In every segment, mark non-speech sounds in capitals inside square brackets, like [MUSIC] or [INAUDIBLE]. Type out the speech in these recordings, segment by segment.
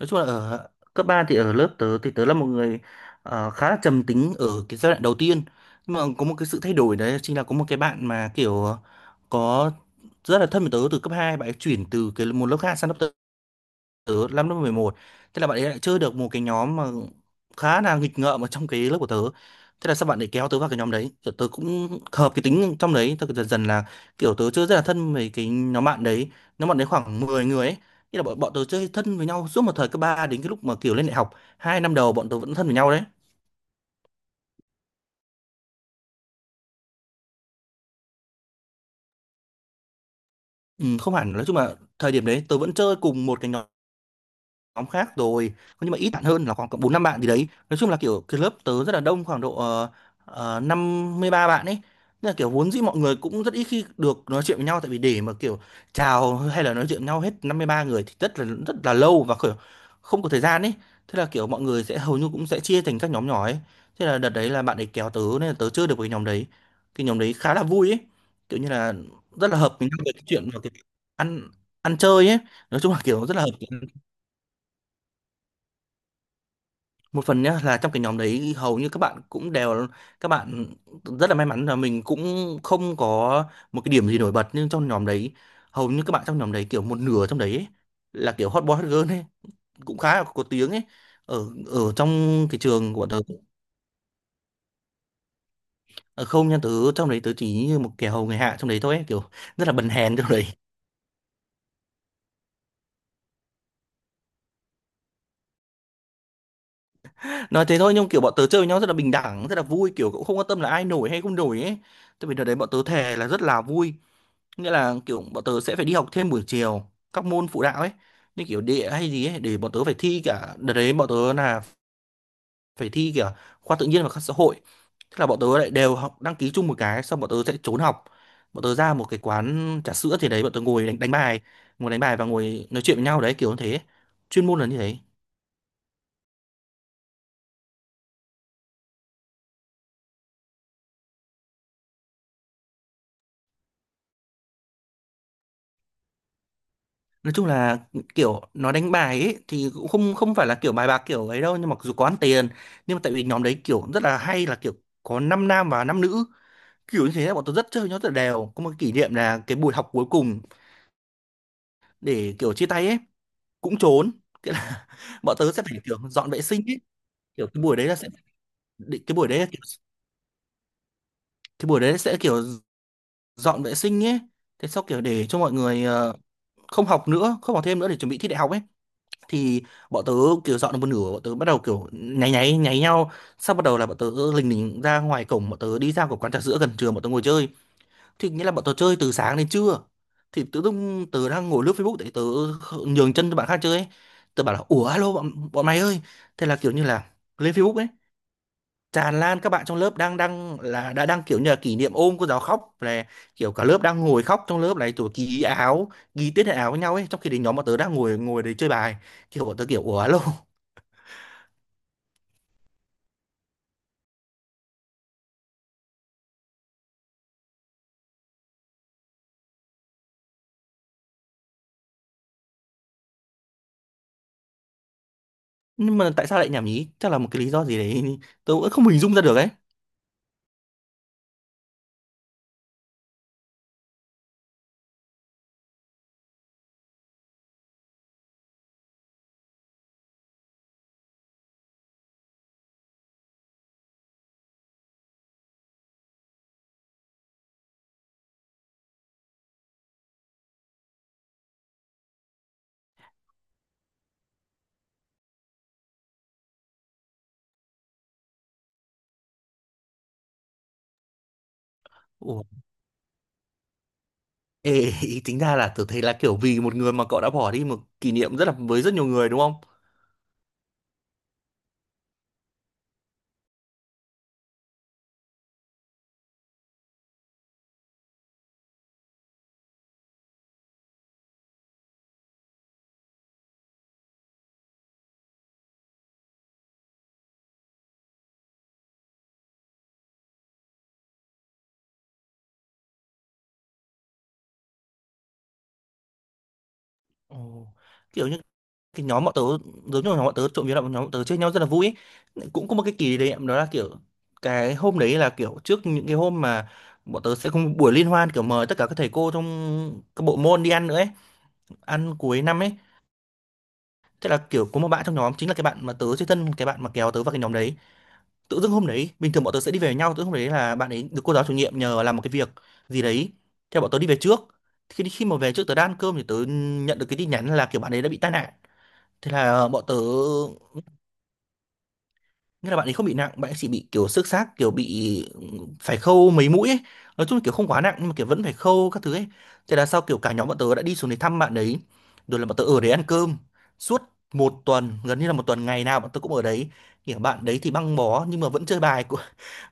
Nói chung là ở cấp 3 thì ở lớp tớ thì tớ là một người khá là trầm tính ở cái giai đoạn đầu tiên. Nhưng mà có một cái sự thay đổi đấy chính là có một cái bạn mà kiểu có rất là thân với tớ từ cấp hai. Bạn ấy chuyển từ cái một lớp khác sang lớp tớ năm lớp 11. Thế là bạn ấy lại chưa được một cái nhóm mà khá là nghịch ngợm ở trong cái lớp của tớ. Thế là sao bạn ấy kéo tớ vào cái nhóm đấy, kiểu tớ cũng hợp cái tính trong đấy, tớ dần dần là kiểu tớ chưa rất là thân với cái nhóm bạn đấy. Nhóm bạn đấy khoảng 10 người ấy. Thế là bọn tớ chơi thân với nhau suốt một thời cấp 3 đến cái lúc mà kiểu lên đại học, hai năm đầu bọn tớ vẫn thân với nhau đấy. Ừ, không hẳn, nói chung là thời điểm đấy tớ vẫn chơi cùng một cái nhóm, nhóm khác rồi, nhưng mà ít bạn hơn, là khoảng bốn năm bạn gì đấy. Nói chung là kiểu cái lớp tớ rất là đông, khoảng độ 53 bạn ấy, nên là kiểu vốn dĩ mọi người cũng rất ít khi được nói chuyện với nhau, tại vì để mà kiểu chào hay là nói chuyện với nhau hết 53 người thì rất là lâu và kiểu không có thời gian ấy. Thế là kiểu mọi người sẽ hầu như cũng sẽ chia thành các nhóm nhỏ ấy. Thế là đợt đấy là bạn ấy kéo tớ nên là tớ chơi được với cái nhóm đấy. Cái nhóm đấy khá là vui ấy, kiểu như là rất là hợp với nhau về cái chuyện và cái ăn ăn chơi ấy. Nói chung là kiểu rất là hợp. Một phần nhá là trong cái nhóm đấy hầu như các bạn cũng đều các bạn rất là may mắn là mình cũng không có một cái điểm gì nổi bật, nhưng trong nhóm đấy hầu như các bạn trong nhóm đấy kiểu một nửa trong đấy ấy, là kiểu hot boy hot girl ấy, cũng khá là có tiếng ấy ở ở trong cái trường của tớ. Ờ, Không nha, tớ trong đấy tớ chỉ như một kẻ hầu người hạ trong đấy thôi ấy, kiểu rất là bần hèn trong đấy. [LAUGHS] Nói thế thôi nhưng kiểu bọn tớ chơi với nhau rất là bình đẳng, rất là vui, kiểu cũng không quan tâm là ai nổi hay không nổi ấy. Tại vì đợt đấy bọn tớ thề là rất là vui. Nghĩa là kiểu bọn tớ sẽ phải đi học thêm buổi chiều các môn phụ đạo ấy, như kiểu địa hay gì ấy, để bọn tớ phải thi. Cả đợt đấy bọn tớ là phải thi cả khoa tự nhiên và khoa xã hội. Thế là bọn tớ lại đều học đăng ký chung một cái, xong bọn tớ sẽ trốn học. Bọn tớ ra một cái quán trà sữa thì đấy bọn tớ ngồi đánh bài, ngồi đánh bài và ngồi nói chuyện với nhau đấy, kiểu như thế. Chuyên môn là như thế. Nói chung là kiểu nó đánh bài ấy thì cũng không không phải là kiểu bài bạc kiểu ấy đâu, nhưng mà dù có ăn tiền. Nhưng mà tại vì nhóm đấy kiểu rất là hay là kiểu có 5 nam và 5 nữ, kiểu như thế là bọn tôi rất chơi nó rất là đều. Có một kỷ niệm là cái buổi học cuối cùng để kiểu chia tay ấy cũng trốn. Cái là [LAUGHS] bọn tớ sẽ phải kiểu dọn vệ sinh ấy. Kiểu cái buổi đấy là sẽ định, cái buổi đấy là kiểu, cái buổi đấy sẽ kiểu dọn vệ sinh ấy, thế sau kiểu để cho mọi người không học nữa, không học thêm nữa, để chuẩn bị thi đại học ấy. Thì bọn tớ kiểu dọn được một nửa, bọn tớ bắt đầu kiểu nháy nháy nháy nhau, sau bắt đầu là bọn tớ lình lình ra ngoài cổng, bọn tớ đi ra của quán trà sữa gần trường, bọn tớ ngồi chơi. Thì nghĩa là bọn tớ chơi từ sáng đến trưa. Thì tự dưng tớ đang ngồi lướt Facebook, để tớ nhường chân cho bạn khác chơi ấy. Tớ bảo là ủa, alo bọn mày ơi, thế là kiểu như là lên Facebook ấy tràn lan các bạn trong lớp đang đang là đã đang kiểu như là kỷ niệm ôm cô giáo khóc, là kiểu cả lớp đang ngồi khóc trong lớp này, rồi ký áo, ký tiết hệ áo với nhau ấy, trong khi đến nhóm bọn tớ đang ngồi ngồi đấy chơi bài. Kiểu bọn tớ kiểu ủa, alo. [LAUGHS] Nhưng mà tại sao lại nhảm nhí, chắc là một cái lý do gì đấy tớ cũng không hình dung ra được ấy. Ủa. Ê, [LAUGHS] ý tính ra là tớ thấy là kiểu vì một người mà cậu đã bỏ đi một kỷ niệm rất là với rất nhiều người đúng không? Ồ. Kiểu như cái nhóm bọn tớ, giống như nhóm bọn tớ, trộm vía là bọn nhóm bọn tớ chơi nhau rất là vui ấy. Cũng có một cái kỷ niệm đó là kiểu cái hôm đấy là kiểu trước những cái hôm mà bọn tớ sẽ có một buổi liên hoan, kiểu mời tất cả các thầy cô trong các bộ môn đi ăn nữa ấy, ăn cuối năm ấy. Thế là kiểu có một bạn trong nhóm chính là cái bạn mà tớ chơi thân, cái bạn mà kéo tớ vào cái nhóm đấy, tự dưng hôm đấy bình thường bọn tớ sẽ đi về với nhau, tự dưng hôm đấy là bạn ấy được cô giáo chủ nhiệm nhờ làm một cái việc gì đấy, theo bọn tớ đi về trước. Thì khi khi mà về trước tớ đang ăn cơm thì tớ nhận được cái tin nhắn là kiểu bạn ấy đã bị tai nạn. Thế là bọn tớ, nghĩa là bạn ấy không bị nặng, bạn ấy chỉ bị kiểu xước xác, kiểu bị phải khâu mấy mũi ấy. Nói chung là kiểu không quá nặng nhưng mà kiểu vẫn phải khâu các thứ ấy. Thế là sau kiểu cả nhóm bọn tớ đã đi xuống để thăm bạn ấy, rồi là bọn tớ ở đấy ăn cơm suốt một tuần, gần như là một tuần ngày nào bọn tớ cũng ở đấy. Kiểu bạn đấy thì băng bó nhưng mà vẫn chơi bài,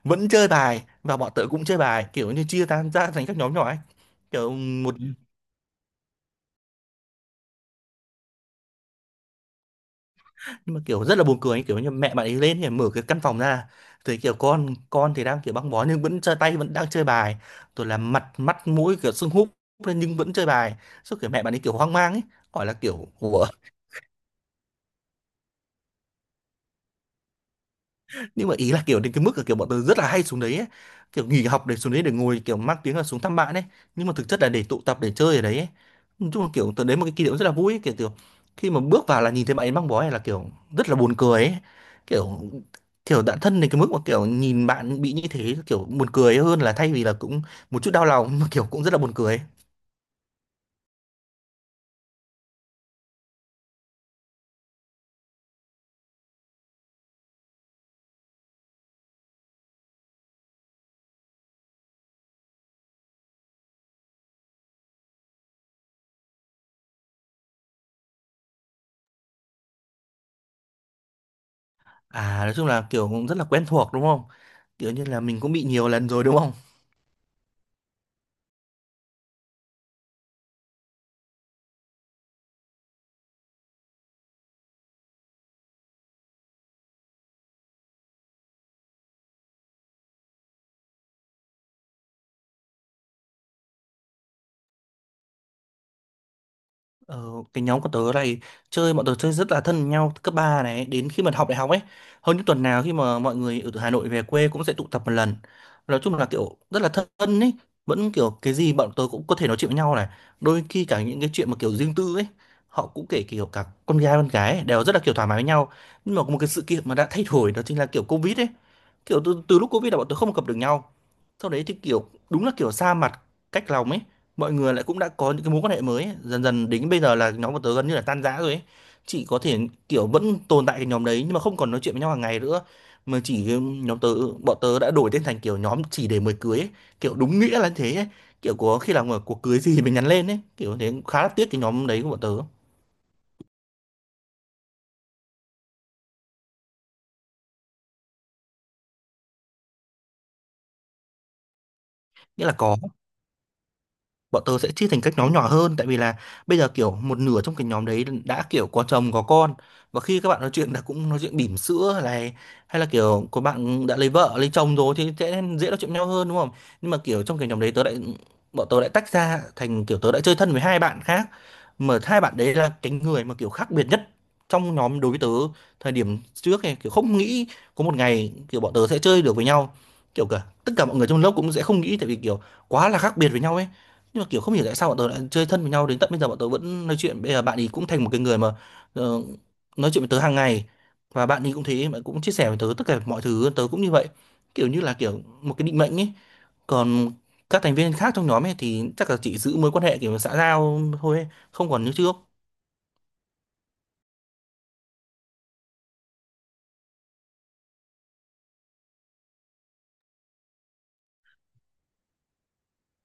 vẫn chơi bài, và bọn tớ cũng chơi bài, kiểu như chia tan ra thành các nhóm nhỏ ấy. Kiểu một. Ừ. Nhưng mà kiểu rất là buồn cười ấy. Kiểu như mẹ bạn ấy lên thì mở cái căn phòng ra thì kiểu con thì đang kiểu băng bó nhưng vẫn chơi tay, vẫn đang chơi bài, rồi là mặt mắt mũi kiểu sưng húp lên nhưng vẫn chơi bài. Sau kiểu mẹ bạn ấy kiểu hoang mang ấy, hỏi là kiểu ủa. Nhưng mà ý là kiểu đến cái mức là kiểu bọn tôi rất là hay xuống đấy ấy, kiểu nghỉ học để xuống đấy để ngồi, kiểu mang tiếng là xuống thăm bạn ấy nhưng mà thực chất là để tụ tập để chơi ở đấy ấy. Nói chung là kiểu tớ đến một cái kỷ niệm rất là vui ấy, kiểu kiểu khi mà bước vào là nhìn thấy bạn ấy mang bó này là kiểu rất là buồn cười ấy, kiểu kiểu đã thân đến cái mức mà kiểu nhìn bạn bị như thế kiểu buồn cười hơn là thay vì là cũng một chút đau lòng, mà kiểu cũng rất là buồn cười ấy. À, nói chung là kiểu cũng rất là quen thuộc đúng không? Kiểu như là mình cũng bị nhiều lần rồi đúng không? Ờ, cái nhóm của tớ này, bọn tớ chơi rất là thân với nhau từ cấp 3 này đến khi mà học đại học ấy. Hơn những tuần nào khi mà mọi người ở từ Hà Nội về quê cũng sẽ tụ tập một lần. Nói chung là kiểu rất là thân ấy. Vẫn kiểu cái gì bọn tớ cũng có thể nói chuyện với nhau này, đôi khi cả những cái chuyện mà kiểu riêng tư ấy, họ cũng kể kiểu cả con gái ấy, đều rất là kiểu thoải mái với nhau. Nhưng mà có một cái sự kiện mà đã thay đổi đó chính là kiểu Covid ấy, kiểu từ lúc Covid là bọn tôi không gặp được nhau. Sau đấy thì kiểu đúng là kiểu xa mặt cách lòng ấy, mọi người lại cũng đã có những cái mối quan hệ mới ấy. Dần dần đến bây giờ là nhóm bọn tớ gần như là tan rã rồi ấy, chỉ có thể kiểu vẫn tồn tại cái nhóm đấy nhưng mà không còn nói chuyện với nhau hàng ngày nữa. Mà chỉ nhóm tớ bọn tớ đã đổi tên thành kiểu nhóm chỉ để mời cưới ấy. Kiểu đúng nghĩa là thế ấy. Kiểu có khi là một cuộc cưới gì mình nhắn lên ấy kiểu thế, khá là tiếc cái nhóm đấy của bọn tớ. Nghĩa là có, bọn tớ sẽ chia thành các nhóm nhỏ hơn, tại vì là bây giờ kiểu một nửa trong cái nhóm đấy đã kiểu có chồng có con, và khi các bạn nói chuyện là cũng nói chuyện bỉm sữa này, hay là kiểu có bạn đã lấy vợ lấy chồng rồi thì sẽ dễ nói chuyện với nhau hơn đúng không? Nhưng mà kiểu trong cái nhóm đấy tớ lại bọn tớ lại tách ra thành kiểu tớ đã chơi thân với hai bạn khác, mà hai bạn đấy là cái người mà kiểu khác biệt nhất trong nhóm đối với tớ. Thời điểm trước này kiểu không nghĩ có một ngày kiểu bọn tớ sẽ chơi được với nhau, kiểu cả tất cả mọi người trong lớp cũng sẽ không nghĩ, tại vì kiểu quá là khác biệt với nhau ấy. Nhưng mà kiểu không hiểu tại sao bọn tớ lại chơi thân với nhau, đến tận bây giờ bọn tớ vẫn nói chuyện. Bây giờ bạn ấy cũng thành một cái người mà ờ, nói chuyện với tớ hàng ngày, và bạn ấy cũng thế, bạn cũng chia sẻ với tớ tất cả mọi thứ, tớ cũng như vậy. Kiểu như là kiểu một cái định mệnh ấy. Còn các thành viên khác trong nhóm ấy thì chắc là chỉ giữ mối quan hệ kiểu xã giao thôi ấy, không còn như trước.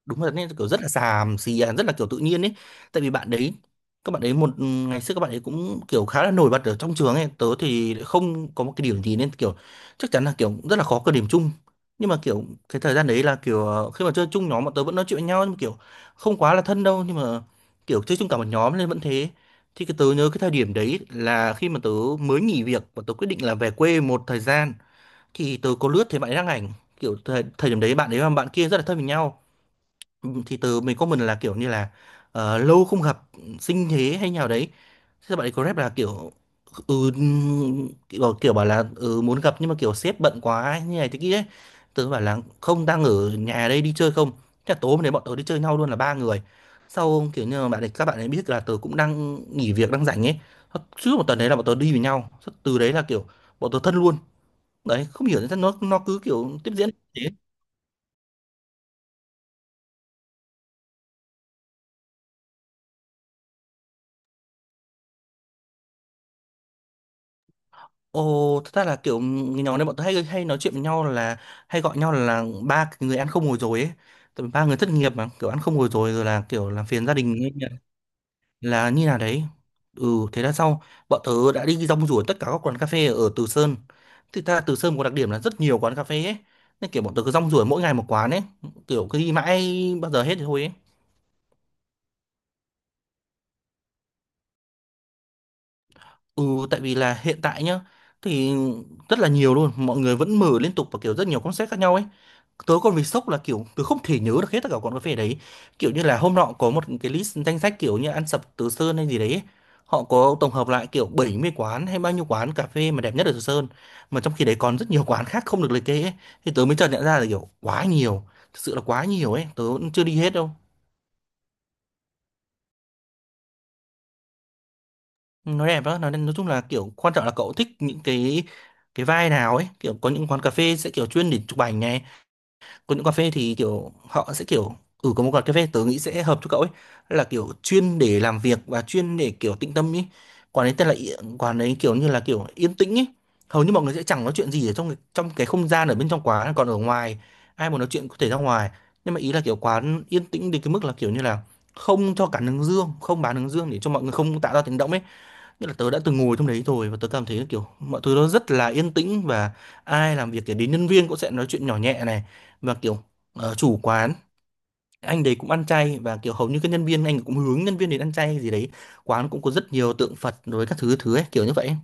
Đúng là nên kiểu rất là xàm xì à, rất là kiểu tự nhiên ấy. Tại vì bạn đấy các bạn ấy ngày xưa các bạn ấy cũng kiểu khá là nổi bật ở trong trường ấy, tớ thì lại không có một cái điểm gì nên kiểu chắc chắn là kiểu rất là khó có điểm chung. Nhưng mà kiểu cái thời gian đấy là kiểu khi mà chơi chung nhóm bọn tớ vẫn nói chuyện với nhau nhưng mà kiểu không quá là thân đâu, nhưng mà kiểu chơi chung cả một nhóm nên vẫn thế. Thì cái tớ nhớ cái thời điểm đấy là khi mà tớ mới nghỉ việc và tớ quyết định là về quê một thời gian, thì tớ có lướt thấy bạn ấy đăng ảnh kiểu thời điểm đấy bạn ấy và bạn kia rất là thân với nhau. Ừ, thì từ mình có mình là kiểu như là lâu không gặp sinh thế hay nào đấy. Thế bạn ấy có rep là kiểu ừ, kiểu bảo là muốn gặp nhưng mà kiểu sếp bận quá ấy, như này thế kia ấy. Tớ bảo là không, đang ở nhà đây đi chơi không? Thế là tối hôm đấy bọn tớ đi chơi nhau luôn là ba người, sau kiểu như là các bạn ấy biết là tớ cũng đang nghỉ việc đang rảnh ấy. Trước một tuần đấy là bọn tớ đi với nhau. Từ đấy là kiểu bọn tớ thân luôn. Đấy, không hiểu sao nó cứ kiểu tiếp diễn thế. Ồ, thật ra là kiểu người nhóm này bọn tôi hay hay nói chuyện với nhau là hay gọi nhau là ba cái người ăn không ngồi rồi ấy. Tại vì ba người thất nghiệp mà kiểu ăn không ngồi rồi rồi là kiểu làm phiền gia đình ấy nhỉ. Là như nào đấy. Ừ, thế là sau bọn tớ đã đi rong ruổi tất cả các quán cà phê ở Từ Sơn. Thực ra Từ Sơn có đặc điểm là rất nhiều quán cà phê ấy. Nên kiểu bọn tớ cứ rong ruổi mỗi ngày một quán ấy, kiểu cứ đi mãi bao giờ hết thì thôi ấy. Ừ, tại vì là hiện tại nhá thì rất là nhiều luôn, mọi người vẫn mở liên tục và kiểu rất nhiều concept khác nhau ấy. Tớ còn bị sốc là kiểu tớ không thể nhớ được hết tất cả quán cà phê đấy, kiểu như là hôm nọ có một cái list danh sách kiểu như ăn sập Từ Sơn hay gì đấy, họ có tổng hợp lại kiểu 70 quán hay bao nhiêu quán cà phê mà đẹp nhất ở Từ Sơn, mà trong khi đấy còn rất nhiều quán khác không được liệt kê ấy. Thì tớ mới chợt nhận ra là kiểu quá nhiều, thực sự là quá nhiều ấy, tớ cũng chưa đi hết đâu. Nó đẹp đó, nói chung là kiểu quan trọng là cậu thích những cái vibe nào ấy, kiểu có những quán cà phê sẽ kiểu chuyên để chụp ảnh này. Còn những cà phê thì kiểu họ sẽ kiểu, có một quán cà phê tớ nghĩ sẽ hợp cho cậu ấy, là kiểu chuyên để làm việc và chuyên để kiểu tĩnh tâm ấy. Quán ấy tên là quán ấy kiểu như là kiểu yên tĩnh ấy. Hầu như mọi người sẽ chẳng nói chuyện gì ở trong trong cái không gian ở bên trong quán, còn ở ngoài ai muốn nói chuyện có thể ra ngoài. Nhưng mà ý là kiểu quán yên tĩnh đến cái mức là kiểu như là không cho cả hướng dương, không bán hướng dương để cho mọi người không tạo ra tiếng động ấy. Nghĩa là tớ đã từng ngồi trong đấy rồi và tớ cảm thấy kiểu mọi thứ nó rất là yên tĩnh, và ai làm việc thì đến nhân viên cũng sẽ nói chuyện nhỏ nhẹ này, và kiểu chủ quán anh đấy cũng ăn chay và kiểu hầu như các nhân viên anh cũng hướng nhân viên đến ăn chay gì đấy. Quán cũng có rất nhiều tượng Phật rồi các thứ thứ ấy kiểu như vậy.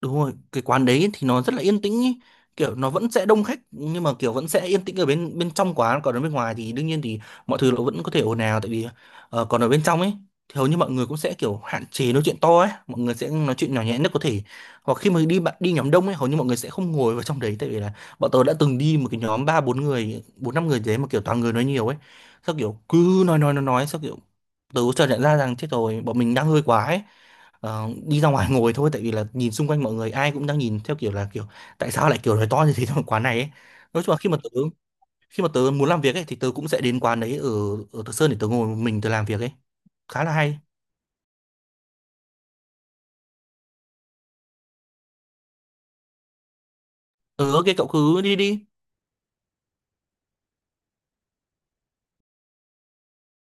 Đúng rồi, cái quán đấy thì nó rất là yên tĩnh ý. Kiểu nó vẫn sẽ đông khách nhưng mà kiểu vẫn sẽ yên tĩnh ở bên bên trong quán, còn ở bên ngoài thì đương nhiên thì mọi thứ nó vẫn có thể ồn ào, tại vì còn ở bên trong ấy thì hầu như mọi người cũng sẽ kiểu hạn chế nói chuyện to ấy, mọi người sẽ nói chuyện nhỏ nhẹ nhất có thể. Hoặc khi mà đi bạn đi nhóm đông ấy hầu như mọi người sẽ không ngồi vào trong đấy, tại vì là bọn tôi đã từng đi một cái nhóm ba bốn người, bốn năm người gì đấy mà kiểu toàn người nói nhiều ấy. Sao kiểu cứ nói sao kiểu tớ chợt nhận ra rằng chết rồi bọn mình đang hơi quá ấy, đi ra ngoài [LAUGHS] ngồi thôi, tại vì là nhìn xung quanh mọi người ai cũng đang nhìn theo kiểu là kiểu tại sao lại kiểu nói to như thế trong [LAUGHS] quán này ấy. Nói chung là khi mà tớ muốn làm việc ấy thì tớ cũng sẽ đến quán đấy ở ở Thọ Sơn để tớ ngồi một mình tớ làm việc ấy, khá là hay. Ờ, ok, cậu cứ đi đi.